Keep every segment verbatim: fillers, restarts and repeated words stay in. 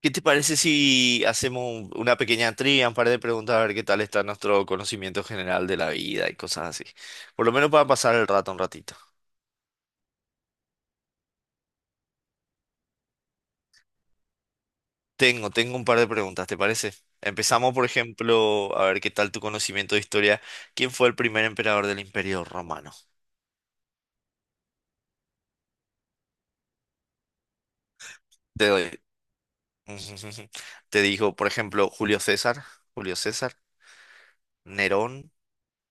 ¿Qué te parece si hacemos un- una pequeña trivia, un par de preguntas, a ver qué tal está nuestro conocimiento general de la vida y cosas así? Por lo menos para pasar el rato un ratito. Tengo, tengo un par de preguntas, ¿te parece? Empezamos, por ejemplo, a ver qué tal tu conocimiento de historia. ¿Quién fue el primer emperador del Imperio Romano? Te doy. Te digo, por ejemplo, Julio César, Julio César, Nerón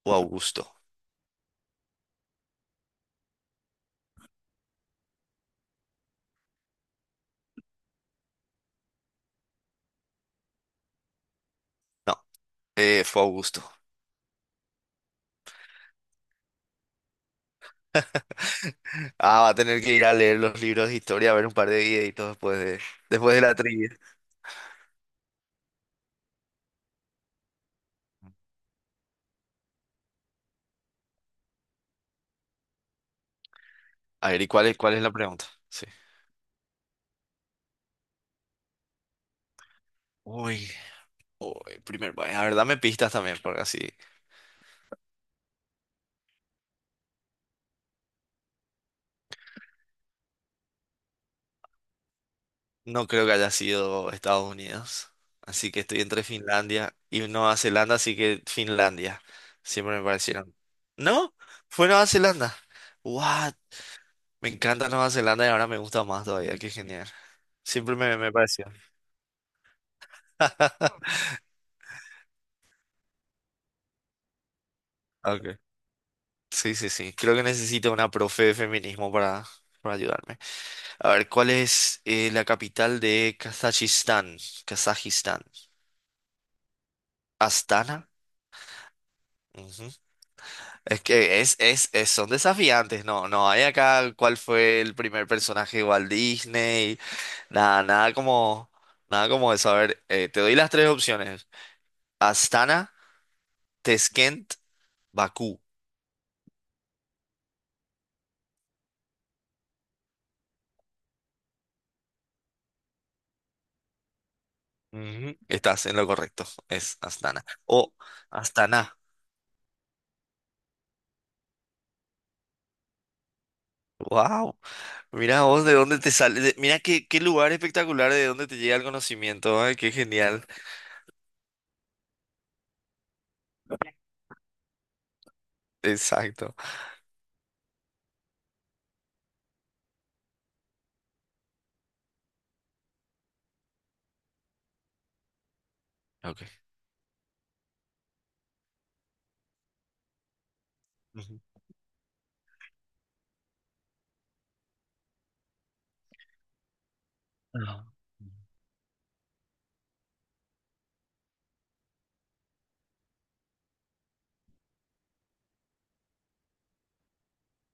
o Augusto. No, eh, fue Augusto. Ah, va a tener que ir a leer los libros de historia, a ver un par de videitos después de, después de la trivia. A ver, ¿y cuál es, cuál es la pregunta? Sí. Uy, uy, primer país. A ver, dame pistas también, porque así no creo que haya sido Estados Unidos. Así que estoy entre Finlandia y Nueva Zelanda, así que Finlandia. Siempre me parecieron. ¿No? Fue Nueva Zelanda. What? Me encanta Nueva Zelanda y ahora me gusta más todavía. Qué genial. Siempre me, me pareció. Ok. Sí, sí, sí. Creo que necesito una profe de feminismo para, para ayudarme. A ver, ¿cuál es eh, la capital de Kazajistán? Kazajistán. Astana. Ujú. Es que es, es, es- son desafiantes, no, no hay acá cuál fue el primer personaje de Walt Disney, nada, nada como, nada como eso. A ver, eh, te doy las tres opciones. Astana, Tashkent, Bakú. Ujú. Estás en lo correcto, es Astana. O Astana. Wow, mira vos de dónde te sale, de- mira qué, qué lugar espectacular de dónde te llega el conocimiento, ay, qué genial. Exacto. Ok. Ujú. Ah.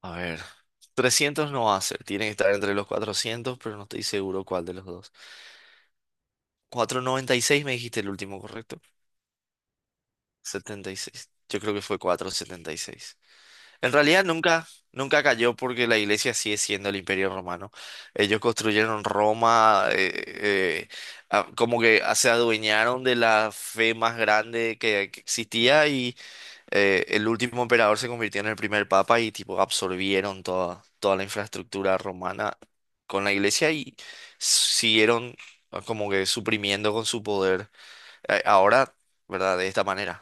A ver, trescientos no va a ser, tiene que estar entre los cuatrocientos, pero no estoy seguro cuál de los dos. Cuatrocientos noventa y seis me dijiste el último, ¿correcto? Setenta y seis. Yo creo que fue cuatrocientos setenta y seis. En realidad nunca, nunca cayó porque la iglesia sigue siendo el imperio romano. Ellos construyeron Roma, eh, eh, ah, como que ah, se adueñaron de la fe más grande que, que existía y eh, el último emperador se convirtió en el primer papa y tipo absorbieron toda, toda la infraestructura romana con la iglesia y siguieron ah, como que suprimiendo con su poder, eh, ahora, ¿verdad? De esta manera.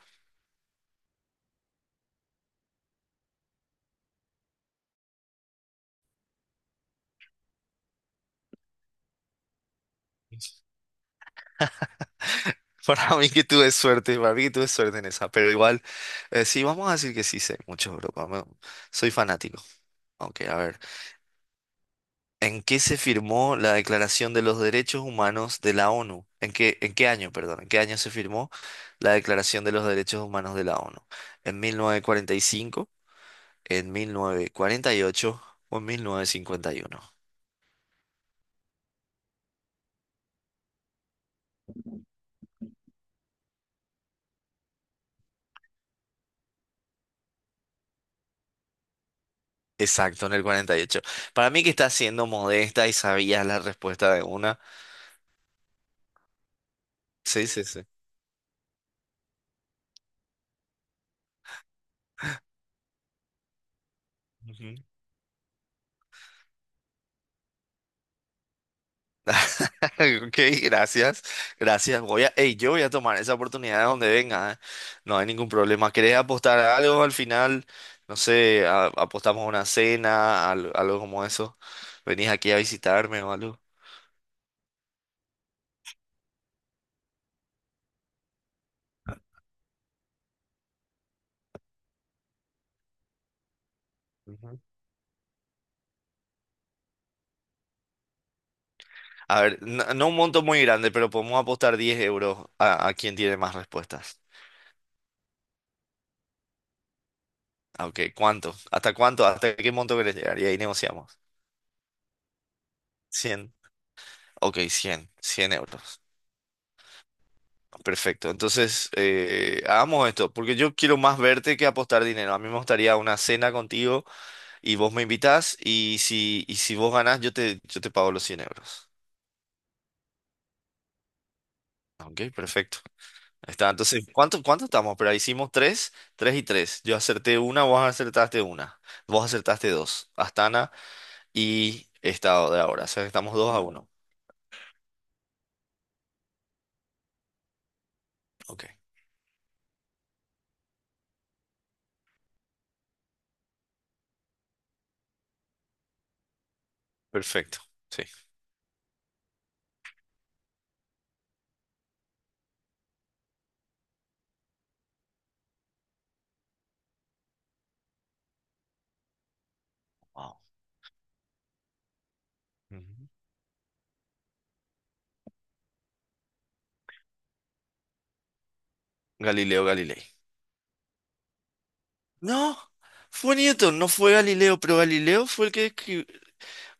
Para mí que tuve suerte, para mí que tuve suerte en esa, pero igual, eh, sí, vamos a decir que sí sé mucho, bro. Vamos, soy fanático. Ok, a ver. ¿En qué se firmó la Declaración de los Derechos Humanos de la ONU? ¿En qué, en qué año, perdón? ¿En qué año se firmó la Declaración de los Derechos Humanos de la ONU? ¿En mil novecientos cuarenta y cinco, en mil novecientos cuarenta y ocho o en mil novecientos cincuenta y uno? Exacto, en el cuarenta y ocho. Para mí que estás siendo modesta y sabías la respuesta de una. Sí, sí, sí. Ok, gracias, gracias. Voy a, ey, yo voy a tomar esa oportunidad de donde venga, ¿eh? No hay ningún problema. ¿Querés apostar a algo al final? No sé, a- apostamos a una cena, al- algo como eso. ¿Venís aquí a visitarme o algo? Ujú. A ver, no, no un monto muy grande, pero podemos apostar diez euros a, a quien tiene más respuestas. Ah, Ok, ¿cuánto? ¿Hasta cuánto? ¿Hasta qué monto querés llegar? Y ahí negociamos. Cien. Ok, cien cien euros. Perfecto, entonces eh, hagamos esto, porque yo quiero más verte que apostar dinero. A mí me gustaría una cena contigo y vos me invitás y si, y si vos ganás yo te, yo te pago los cien euros. Ok, perfecto. Está, entonces, ¿cuánto, cuánto estamos? Pero hicimos tres, tres y tres. Yo acerté una, vos acertaste una, vos acertaste dos, Astana y Estado de ahora. O sea, estamos dos a uno. Ok, perfecto. Sí. Wow. Ujú. Galileo Galilei. No, fue Newton, no fue Galileo, pero Galileo fue el que escri-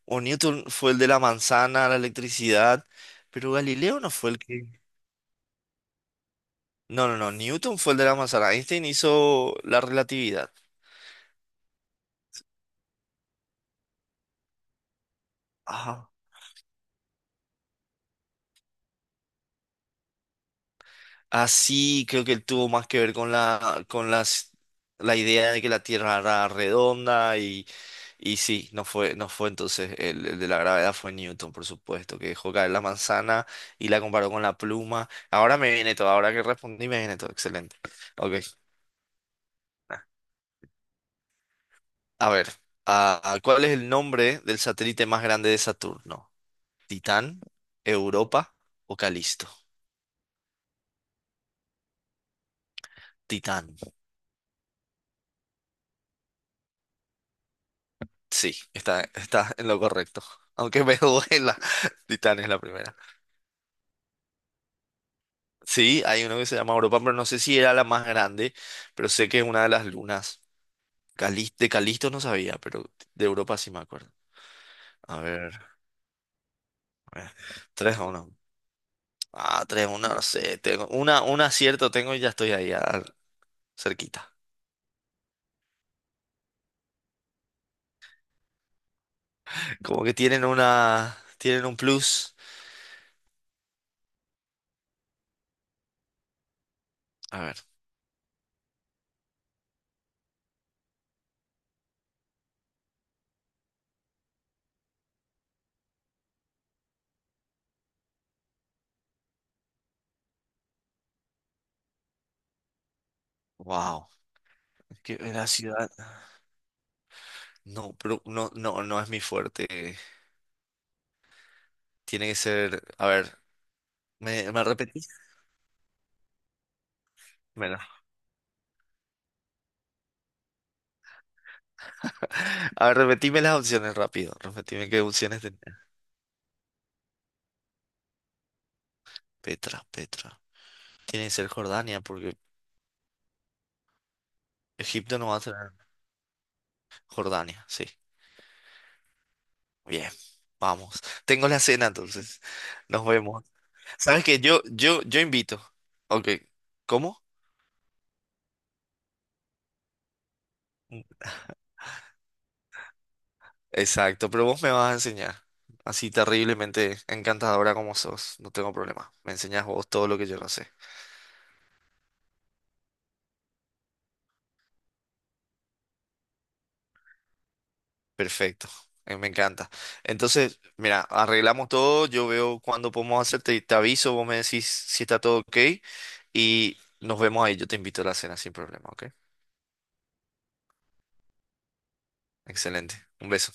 o Newton fue el de la manzana, la electricidad, pero Galileo no fue el que... No, no, no, Newton fue el de la manzana, Einstein hizo la relatividad. Ajá. Así creo que él tuvo más que ver con la, con las, la idea de que la Tierra era redonda y Y sí, no fue, no fue entonces el, el de la gravedad fue Newton, por supuesto, que dejó caer la manzana y la comparó con la pluma. Ahora me viene todo, ahora que respondí me viene todo, excelente. Ok, a ver, ah, ah, ¿cuál es el nombre del satélite más grande de Saturno? ¿Titán, Europa o Calisto? Titán, sí, está, está en lo correcto. Aunque me duela, Titán es la primera. Sí, hay uno que se llama Europa, pero no sé si era la más grande, pero sé que es una de las lunas. Calis- de Calisto no sabía, pero de Europa sí me acuerdo. A ver, eh, tres a uno. Ah, tres a uno, no sé. Tengo una, un acierto tengo y ya estoy ahí, al- cerquita. Como que tienen una, tienen un plus. A ver, wow. Es que la ciudad. No, pero no, no, no es mi fuerte. Tiene que ser. A ver, ¿me, me repetís? Bueno. A ver, repetime las opciones rápido. Repetime qué opciones tenés. Petra, Petra. Tiene que ser Jordania, porque Egipto no va a tener. Jordania, sí. Bien, vamos. Tengo la cena, entonces. Nos vemos. ¿Sabes qué? Yo, yo, yo invito. Ok. ¿Cómo? Exacto, pero vos me vas a enseñar. Así terriblemente encantadora como sos. No tengo problema. Me enseñas vos todo lo que yo no sé. Perfecto. eh, Me encanta. Entonces, mira, arreglamos todo. Yo veo cuándo podemos hacerte. Te te aviso, vos me decís si está todo ok. Y nos vemos ahí. Yo te invito a la cena sin problema, ¿ok? Excelente. Un beso.